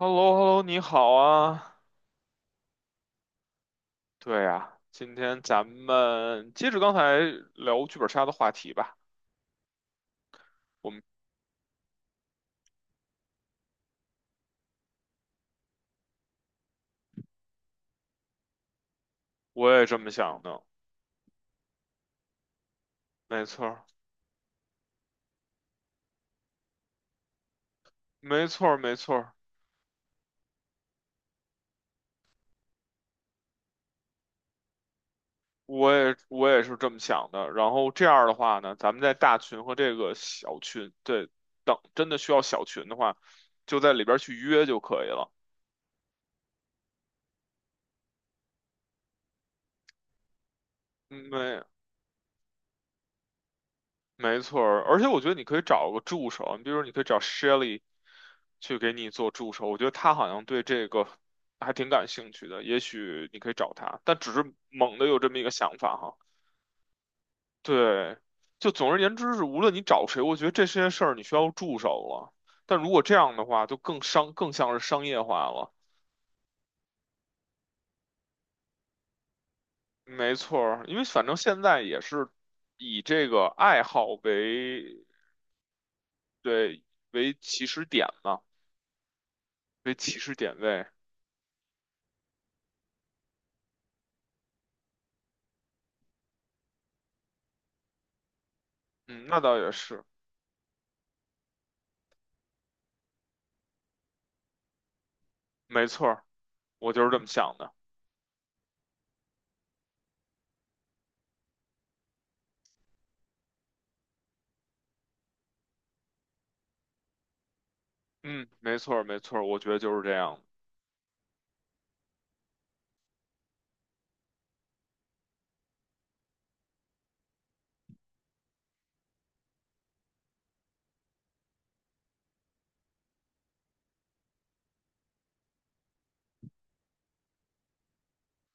h e l l o h e l l o， 你好啊。对呀，今天咱们接着刚才聊剧本杀的话题吧。我们我也这么想的。没错儿，没错儿，没错儿，我也是这么想的。然后这样儿的话呢，咱们在大群和这个小群，对，等真的需要小群的话，就在里边儿去约就可以了。嗯，没错儿，而且我觉得你可以找个助手，你比如你可以找 Shelly 去给你做助手，我觉得他好像对这个还挺感兴趣的，也许你可以找他，但只是猛的有这么一个想法哈。对，就总而言之是，无论你找谁，我觉得这些事儿你需要助手了。但如果这样的话，就更像是商业化了。没错儿，因为反正现在也是以这个爱好为，对，为起始点嘛，为起始点位。嗯，那倒也是，没错儿，我就是这么想的。嗯，没错儿，没错儿，我觉得就是这样。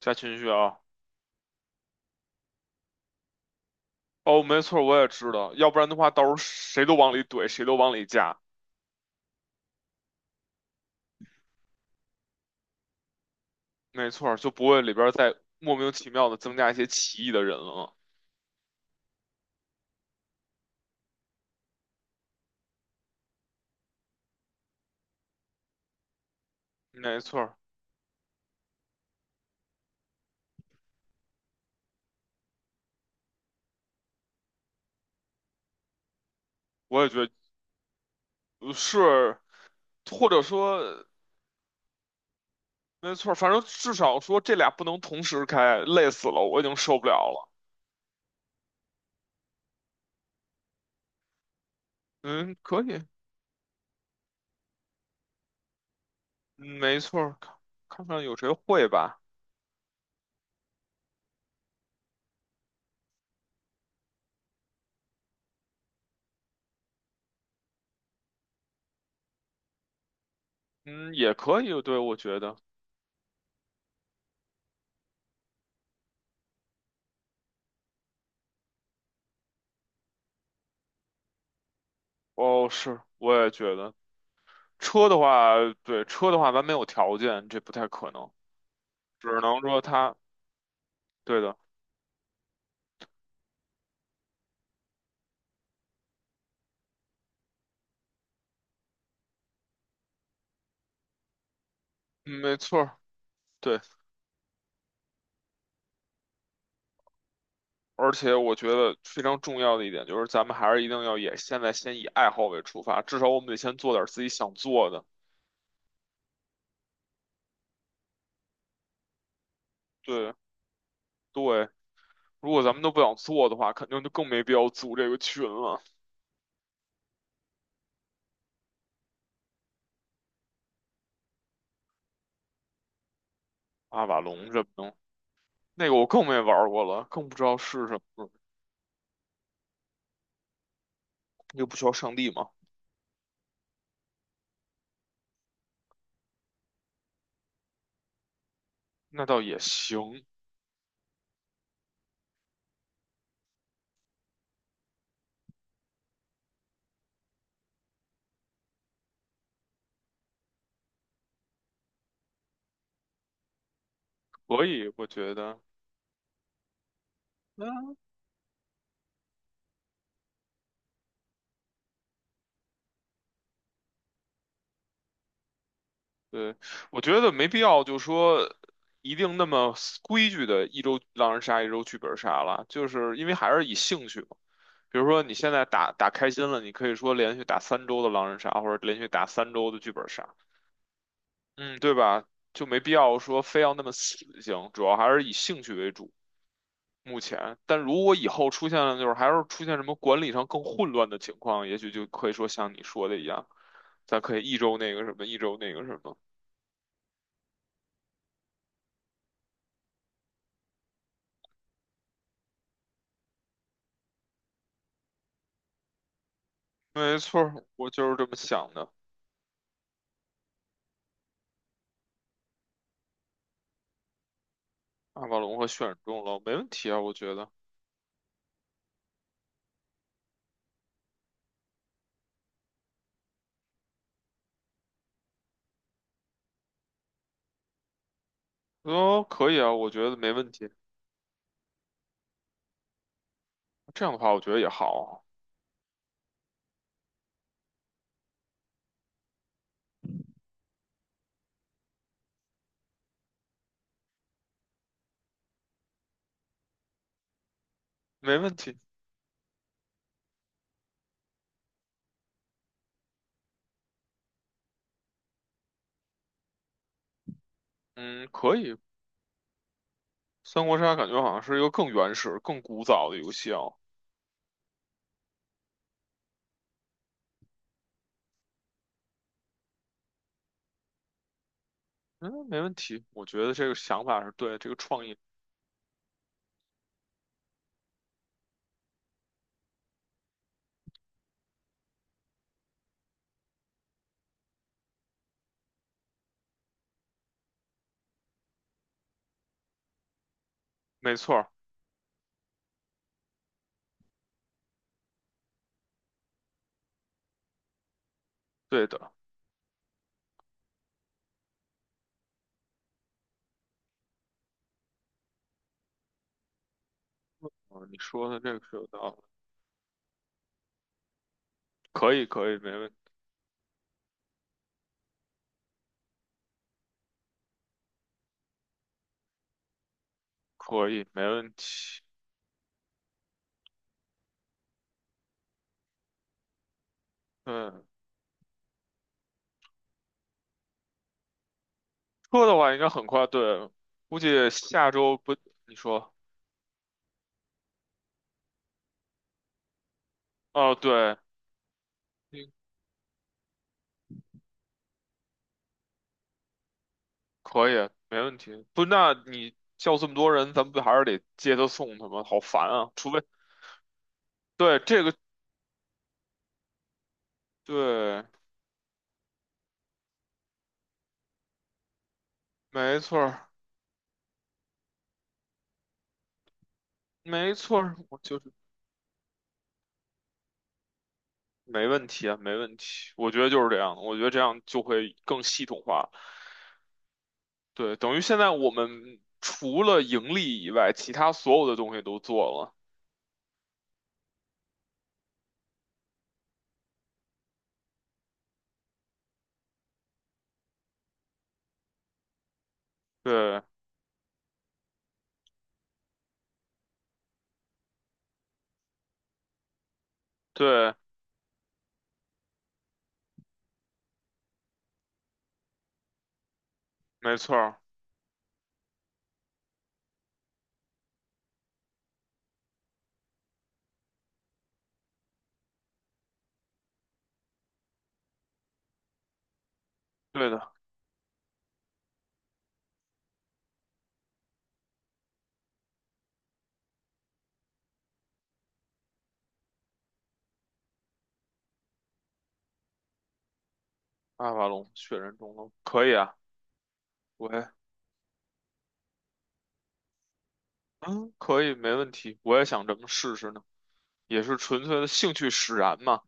加情绪啊，哦，没错儿，我也知道，要不然的话，到时候谁都往里怼，谁都往里加，没错儿，就不会里边儿再莫名其妙的增加一些奇异的人了。没错儿，我也觉得是，或者说，没错儿，反正至少说这俩不能同时开，累死了，我已经受不了了。嗯，可以，嗯没错儿，看看有谁会吧。嗯，也可以，对，我觉得，哦，是，我也觉得，车的话，对，车的话，咱没有条件，这不太可能，只能说它，对的，嗯没错儿，对，而且我觉得非常重要的一点就是，咱们还是一定要也现在先以爱好为出发，至少我们得先做点儿自己想做的。对对，如果咱们都不想做的话，肯定就更没必要组这个群了。阿瓦隆这么的，那个我更没玩儿过了，更不知道是什么，又不需要上帝嘛，那倒也行。所以，我觉得，嗯对，我觉得没必要，就说一定那么规矩的一周狼人杀，一周剧本杀了，就是因为还是以兴趣嘛。比如说你现在打打开心了，你可以说连续打三周的狼人杀，或者连续打三周的剧本杀，嗯，对吧？就没必要说非要那么死性，主要还是以兴趣为主。目前，但如果以后出现了，就是还是出现什么管理上更混乱的情况，也许就可以说像你说的一样，咱可以一周那个什么，一周那个什么。没错儿，我就是这么想的。阿瓦隆和选中了，没问题啊，我觉得。哦，可以啊，我觉得没问题。这样的话，我觉得也好，没问题。嗯，可以。三国杀感觉好像是一个更原始、更古早的游戏哦。嗯，没问题，我觉得这个想法是对，这个创意没错儿，对的。嗯，你说的这个是有道理。可以，可以，没问，可以，没问题。嗯，车的话应该很快，对，估计下周不，你说，哦，对。可以，没问题。不，那你叫这么多人，咱们不还是得接他送他吗？好烦啊！除非对这个，对，没错儿，没错儿，我就是没问题啊，没问题。我觉得就是这样，我觉得这样就会更系统化。对，等于现在我们除了盈利以外，其他所有的东西都做了。对，对，没错儿，对的。阿瓦隆，血人中龙，可以啊，喂，嗯，可以，没问题，我也想这么试试呢。也是纯粹的兴趣使然嘛。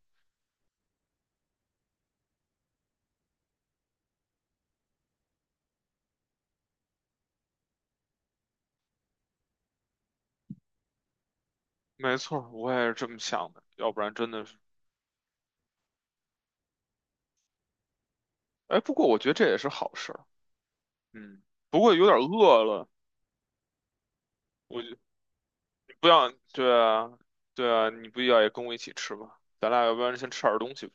没错儿，我也是这么想的，要不然真的是，哎，不过我觉得这也是好事儿，嗯，不过有点饿了，你不要，对啊，对啊，你不要也跟我一起吃吧，咱俩要不然先吃点东西吧。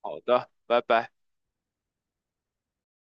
好的，拜拜。